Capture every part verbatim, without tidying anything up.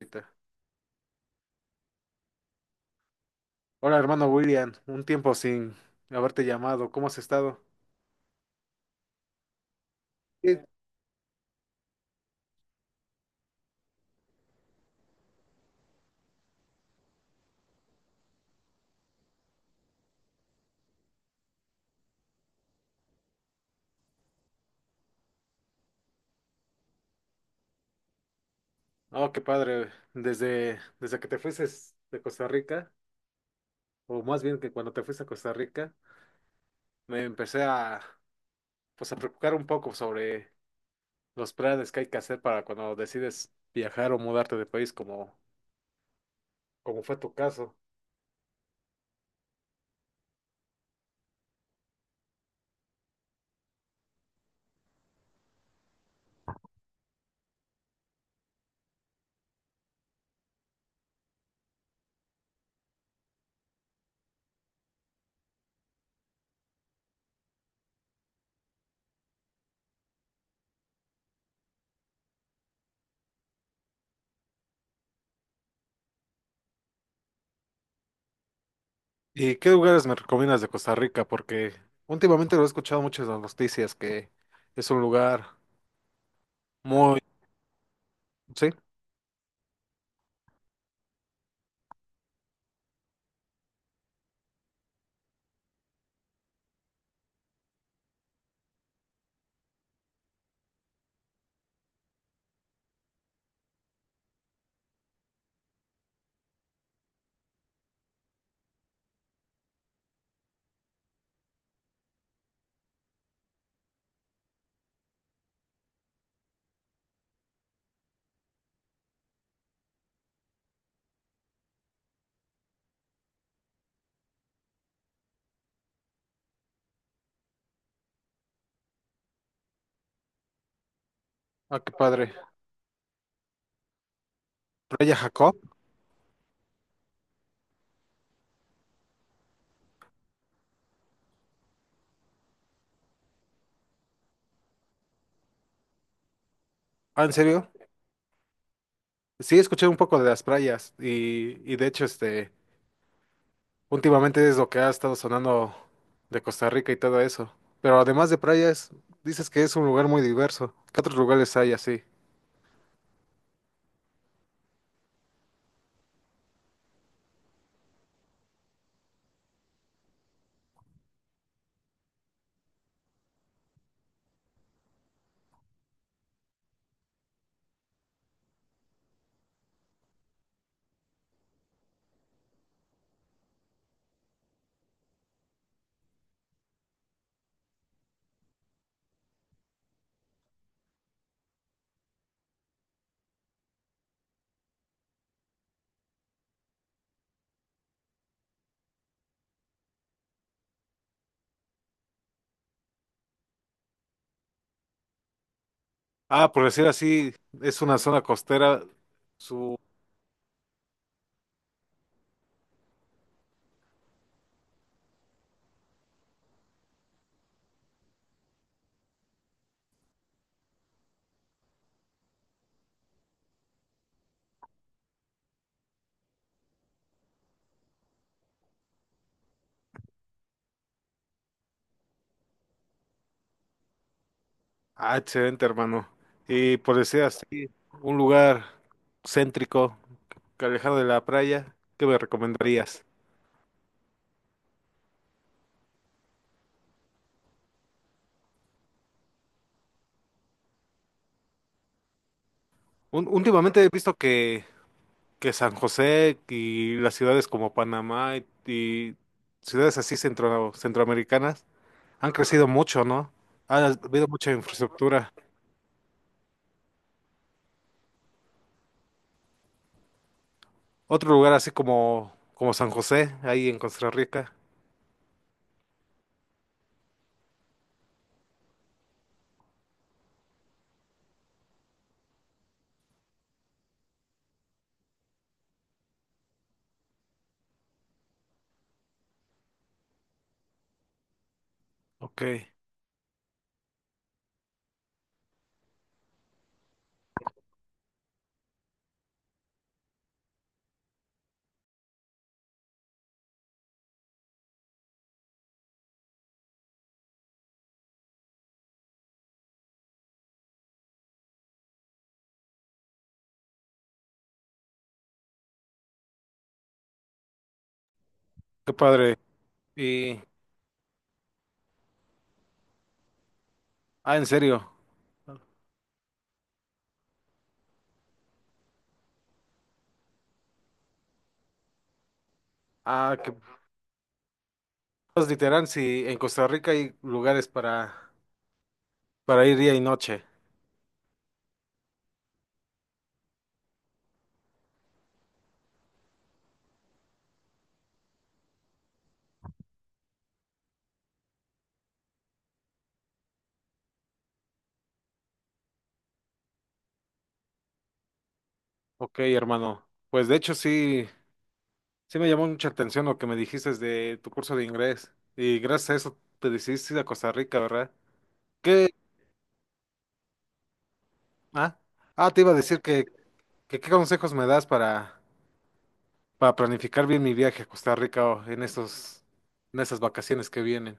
Ahorita. Hola, hermano William, un tiempo sin haberte llamado, ¿cómo has estado? Sí. Oh, qué padre, desde, desde que te fuiste de Costa Rica, o más bien que cuando te fuiste a Costa Rica, me empecé a, pues, a preocupar un poco sobre los planes que hay que hacer para cuando decides viajar o mudarte de país, como, como fue tu caso. ¿Y qué lugares me recomiendas de Costa Rica? Porque últimamente lo he escuchado mucho en las noticias que es un lugar muy, sí, ah, qué padre. Playa Jacob. Ah, ¿en serio? Sí, escuché un poco de las playas y, y de hecho, este, últimamente es lo que ha estado sonando de Costa Rica y todo eso. Pero además de playas, dices que es un lugar muy diverso. ¿Qué otros lugares hay así? Ah, por decir así, es una zona costera. Su... Ah, excelente, hermano. Y por decir así, un lugar céntrico, que alejado de la playa, ¿qué me recomendarías? Un- últimamente he visto que que San José y las ciudades como Panamá y, y ciudades así centro, centroamericanas han crecido mucho, ¿no? Ha habido mucha infraestructura. Otro lugar así como, como San José, ahí en Costa Rica. Ok, qué padre. Y, ah, en serio. Ah, que pues, literal, si en Costa Rica hay lugares para, para ir día y noche. Ok, hermano. Pues de hecho sí. Sí me llamó mucha atención lo que me dijiste de tu curso de inglés. Y gracias a eso te decidiste ir a Costa Rica, ¿verdad? ¿Qué? Ah, ah, te iba a decir que, que qué consejos me das para, para planificar bien mi viaje a Costa Rica o en estos, en esas vacaciones que vienen.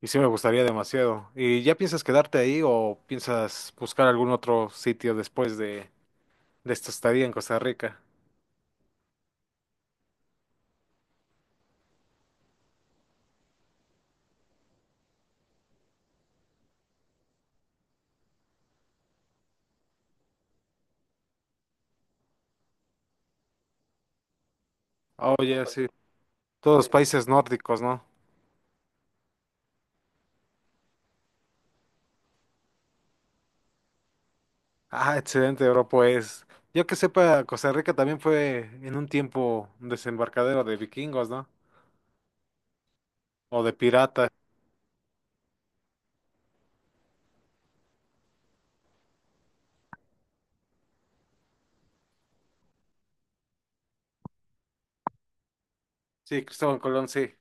Y sí me gustaría demasiado. ¿Y ya piensas quedarte ahí o piensas buscar algún otro sitio después de, de esta estadía en Costa Rica? Oye, sí. Todos los países nórdicos, ¿no? Ah, excelente, bro. Pues yo que sepa, Costa Rica también fue en un tiempo un desembarcadero de vikingos, ¿no? O de piratas. Sí, Cristóbal Colón, sí.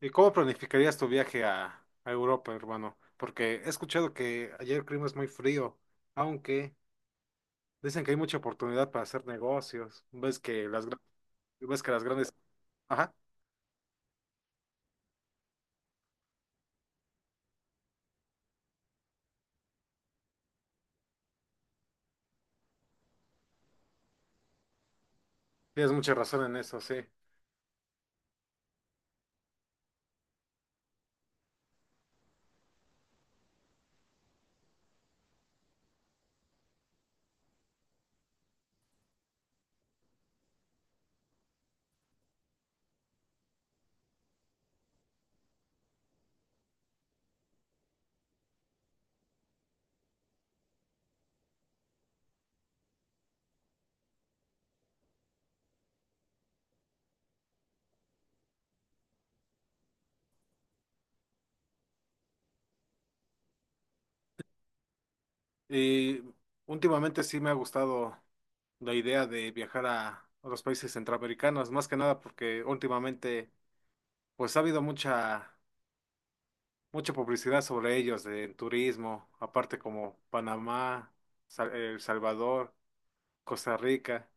¿Y cómo planificarías tu viaje a, a Europa, hermano? Porque he escuchado que allá el clima es muy frío, aunque dicen que hay mucha oportunidad para hacer negocios. Ves que las, gra- ves que las grandes... Ajá, tienes mucha razón en eso, sí. Y últimamente sí me ha gustado la idea de viajar a otros países centroamericanos, más que nada porque últimamente pues ha habido mucha mucha publicidad sobre ellos de turismo, aparte como Panamá, Sa- El Salvador, Costa Rica.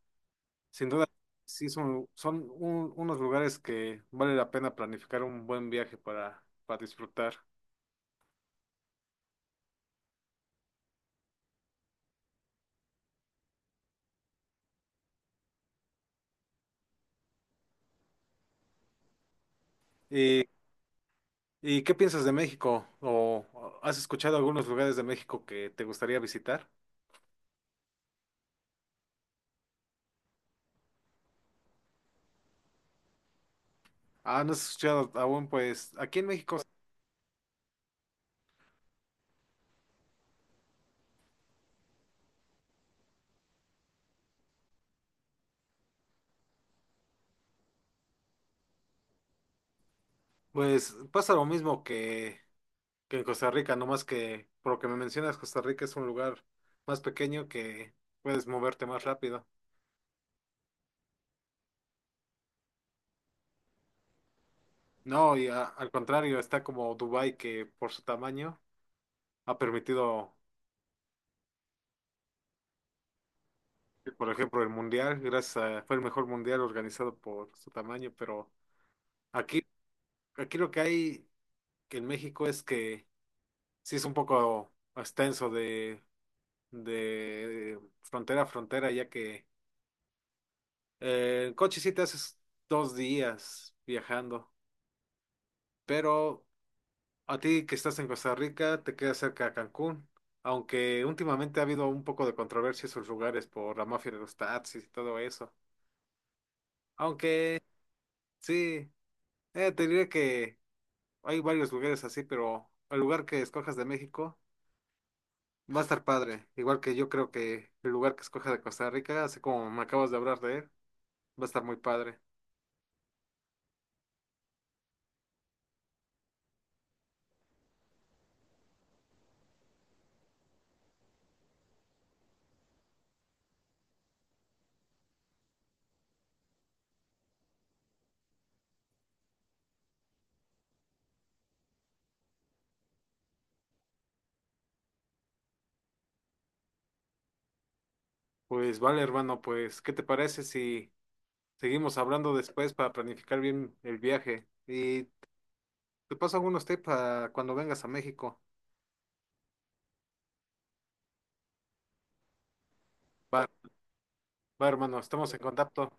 Sin duda sí son, son un- unos lugares que vale la pena planificar un buen viaje para, para disfrutar. ¿Y, y qué piensas de México? ¿O has escuchado algunos lugares de México que te gustaría visitar? Ah, no has escuchado aún, pues aquí en México, pues pasa lo mismo que, que en Costa Rica, nomás que por lo que me mencionas, Costa Rica es un lugar más pequeño que puedes moverte más rápido. No, y a- al contrario, está como Dubái, que por su tamaño ha permitido, por ejemplo, el mundial, gracias a, fue el mejor mundial organizado por su tamaño, pero aquí, aquí lo que hay que en México es que sí es un poco extenso de, de frontera a frontera, ya que eh, en coche sí te haces dos días viajando, pero a ti que estás en Costa Rica te queda cerca a Cancún, aunque últimamente ha habido un poco de controversia en sus lugares por la mafia de los taxis y todo eso. Aunque sí, eh, te diré que hay varios lugares así, pero el lugar que escojas de México va a estar padre, igual que yo creo que el lugar que escojas de Costa Rica, así como me acabas de hablar de él, va a estar muy padre. Pues vale, hermano, pues, ¿qué te parece si... seguimos hablando después para planificar bien el viaje. Y te paso algunos tips para cuando vengas a México. Va, va, hermano, estamos en contacto.